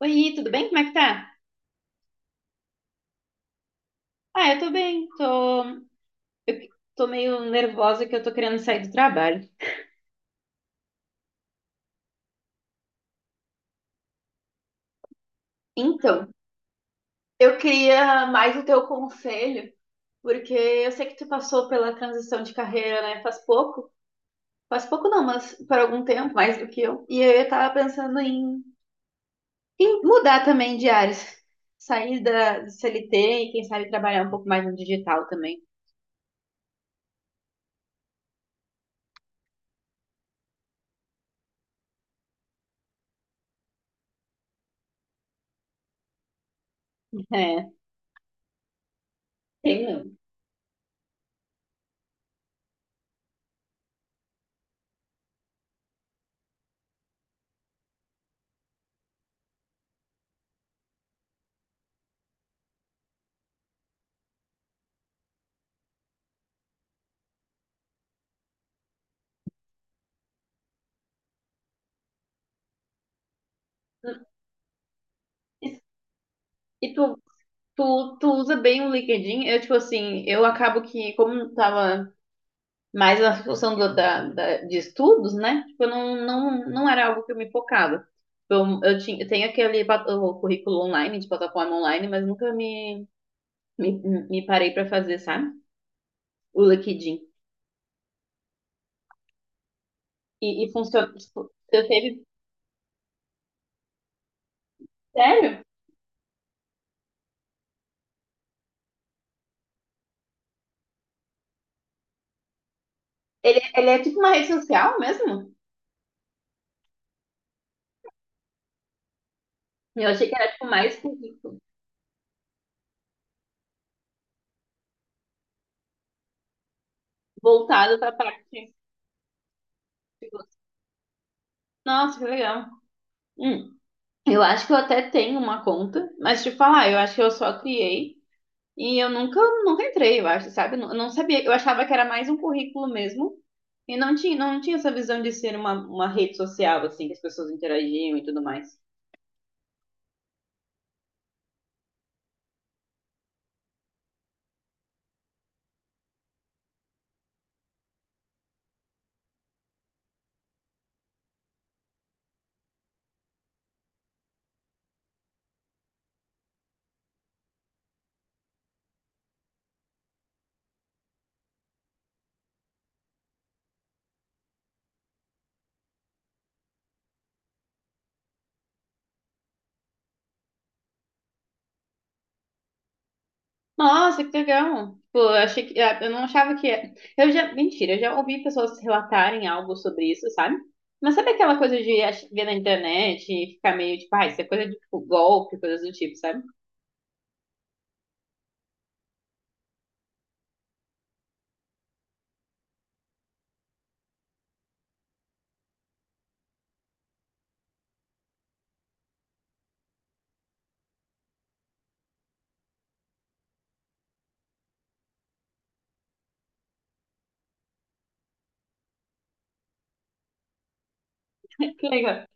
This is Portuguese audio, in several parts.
Oi, tudo bem? Como é que tá? Eu tô bem, tô, eu tô meio nervosa que eu tô querendo sair do trabalho. Então, eu queria mais o teu conselho, porque eu sei que tu passou pela transição de carreira, né? Faz pouco. Faz pouco não, mas por algum tempo, mais do que eu. E eu tava pensando em mudar também de áreas. Sair da do CLT e quem sabe trabalhar um pouco mais no digital também. É, tem mesmo. E, e tu tu usa bem o LinkedIn? Eu, tipo assim, eu acabo que, como tava mais na função de estudos, né? Tipo, eu não, não, não era algo que eu me focava. Eu tenho o currículo online, de plataforma online, mas nunca me, me, me parei pra fazer, sabe? O LinkedIn. E funciona. Tipo, eu teve. Sério? Ele é tipo uma rede social mesmo? Eu achei que era tipo mais currículo, voltado pra parte. De- Nossa, que legal. Hum. Eu acho que eu até tenho uma conta, mas te falar, "Ah, eu acho que eu só criei e eu nunca entrei, eu acho, sabe? Eu não sabia, eu achava que era mais um currículo mesmo e não tinha, não tinha essa visão de ser uma rede social, assim, que as pessoas interagiam e tudo mais. Nossa, que legal! Tipo, eu achei que, eu não achava que, era. Eu já ouvi pessoas relatarem algo sobre isso, sabe? Mas sabe aquela coisa de ver na internet e ficar meio tipo, ah, isso é coisa de tipo, golpe, coisas do tipo, sabe? Que legal.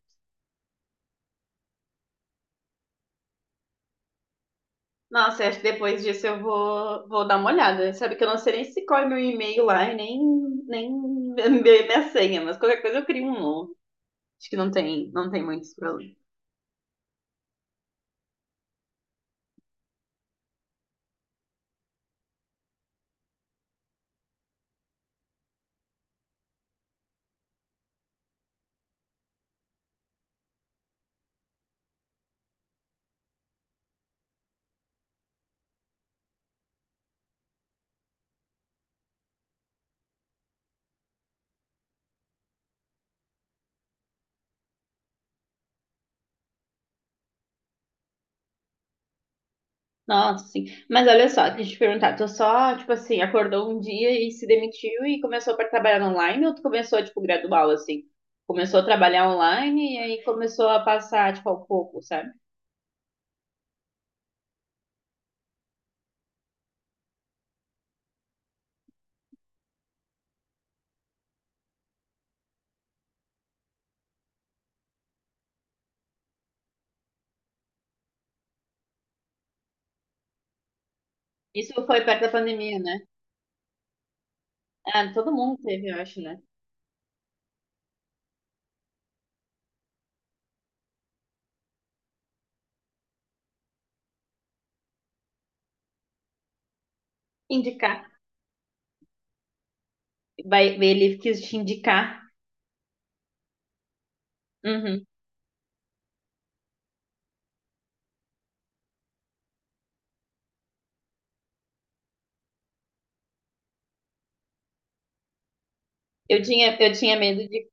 Nossa, eu acho que depois disso eu vou dar uma olhada. Sabe que eu não sei nem se corre meu e-mail lá e nem minha senha, mas qualquer coisa eu crio um novo. Acho que não tem, não tem muitos problemas. Nossa, sim. Mas olha só, deixa eu te perguntar, tu só, tipo assim, acordou um dia e se demitiu e começou para trabalhar online ou tu começou, tipo, gradual, assim? Começou a trabalhar online e aí começou a passar, tipo, ao pouco, sabe? Isso foi perto da pandemia, né? Ah, todo mundo teve, eu acho, né? Indicar. Vai, ele quis te indicar. Uhum. Eu tinha medo de.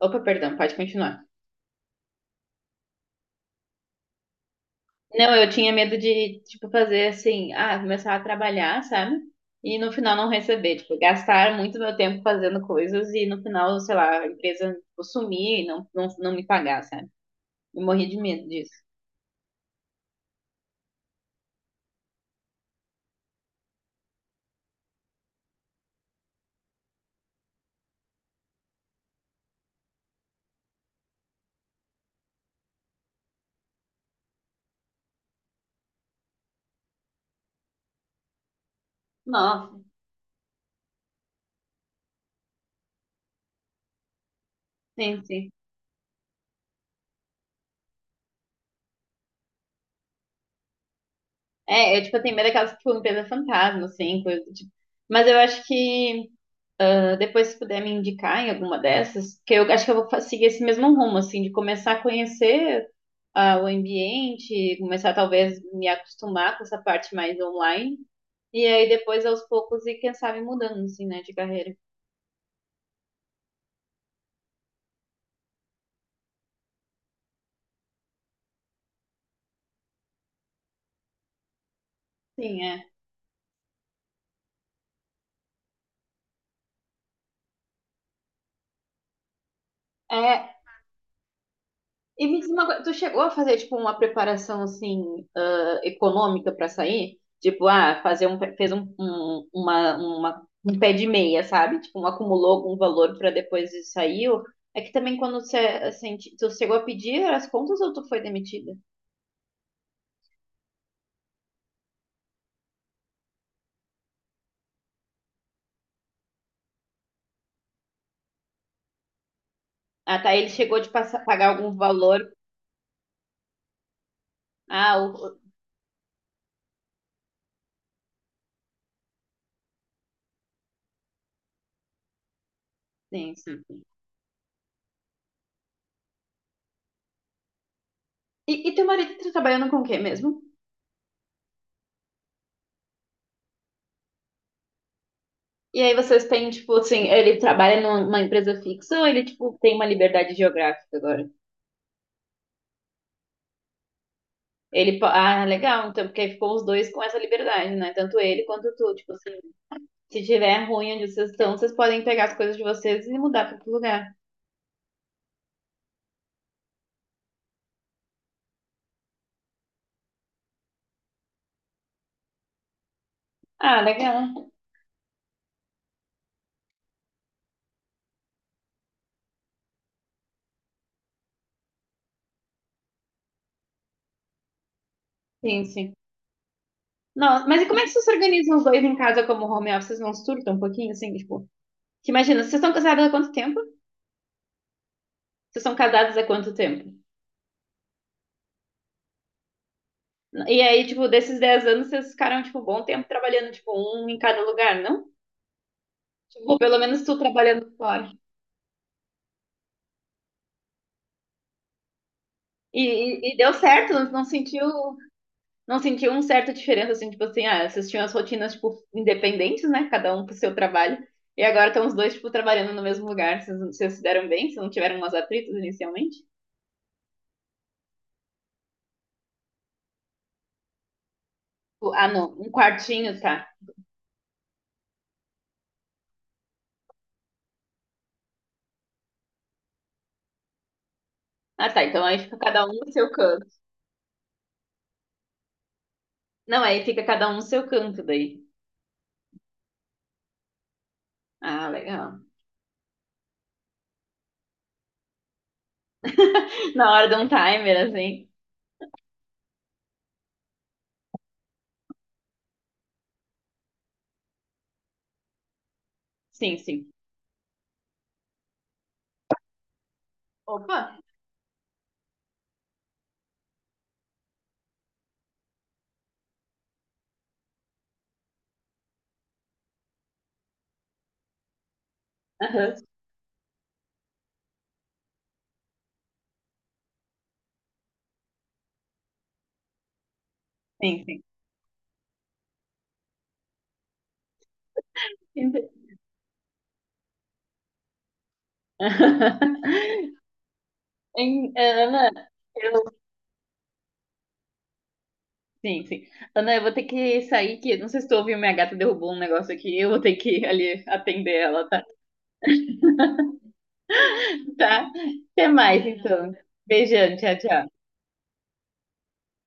Opa, perdão, pode continuar. Não, eu tinha medo de, tipo, fazer assim, ah, começar a trabalhar, sabe? E no final não receber, tipo, gastar muito meu tempo fazendo coisas e no final, sei lá, a empresa, tipo, sumir e não me pagar, sabe? Eu morri de medo disso. Nossa, sim, sim. É, eu, tipo, eu tenho medo daquelas, tipo, empresa fantasma, assim, coisa, do tipo. Mas eu acho que então, depois, se puder me indicar em alguma dessas, que eu acho que eu vou seguir esse mesmo rumo, assim, de começar a conhecer ah, o ambiente, começar talvez me acostumar com essa parte mais online, e aí depois aos poucos e quem sabe mudando, assim, né, de carreira. Sim, é. É, e me diz uma coisa, tu chegou a fazer tipo uma preparação assim ah, econômica para sair? Tipo, ah, fazer um fez um, um- uma- um pé de meia, sabe? Tipo, um acumulou algum valor para depois e saiu. É que também quando você assim, tu chegou a pedir as contas ou tu foi demitida? Ah, tá, ele chegou de passar, pagar algum valor. Ah, o- sim, sim, sim. E teu marido tá trabalhando com o quê mesmo? E aí vocês têm, tipo, assim, ele trabalha numa empresa fixa ou ele, tipo, tem uma liberdade geográfica agora? Ele, ah, legal, então, porque aí ficou os dois com essa liberdade, né? Tanto ele quanto tu. Tipo assim, se tiver ruim onde vocês estão, vocês podem pegar as coisas de vocês e mudar para outro lugar. Ah, legal. Sim, sim. Nossa, mas e como é que vocês se organizam os dois em casa como home office? Vocês não surtam um pouquinho, assim, tipo... Que imagina, vocês estão casados há quanto tempo? Vocês são casados há quanto tempo? E aí, tipo, desses 10 anos, vocês ficaram, tipo, um bom tempo trabalhando, tipo, um em cada lugar, não? Tipo, pelo menos tu trabalhando fora. E deu certo, não sentiu uma certa diferença, assim, tipo assim, ah, vocês tinham as rotinas, tipo, independentes, né? Cada um pro seu trabalho. E agora estão os dois, tipo, trabalhando no mesmo lugar. Vocês se deram bem? Vocês não tiveram umas atritos inicialmente? Tipo, ah, não, um quartinho, tá. Ah, tá, então aí fica cada um no seu canto. Não, aí fica cada um no seu canto daí. Ah, legal. Na hora de um timer, assim. Sim, sim. Opa! Aham, sim, sim. Ente- Em- Ana, eu, sim, sim. Ana, eu vou ter que sair, que não sei se tu ouviu, minha gata derrubou um negócio aqui. Eu vou ter que ir ali atender ela, tá? Tá? Até mais, então. Beijão, tchau, tchau.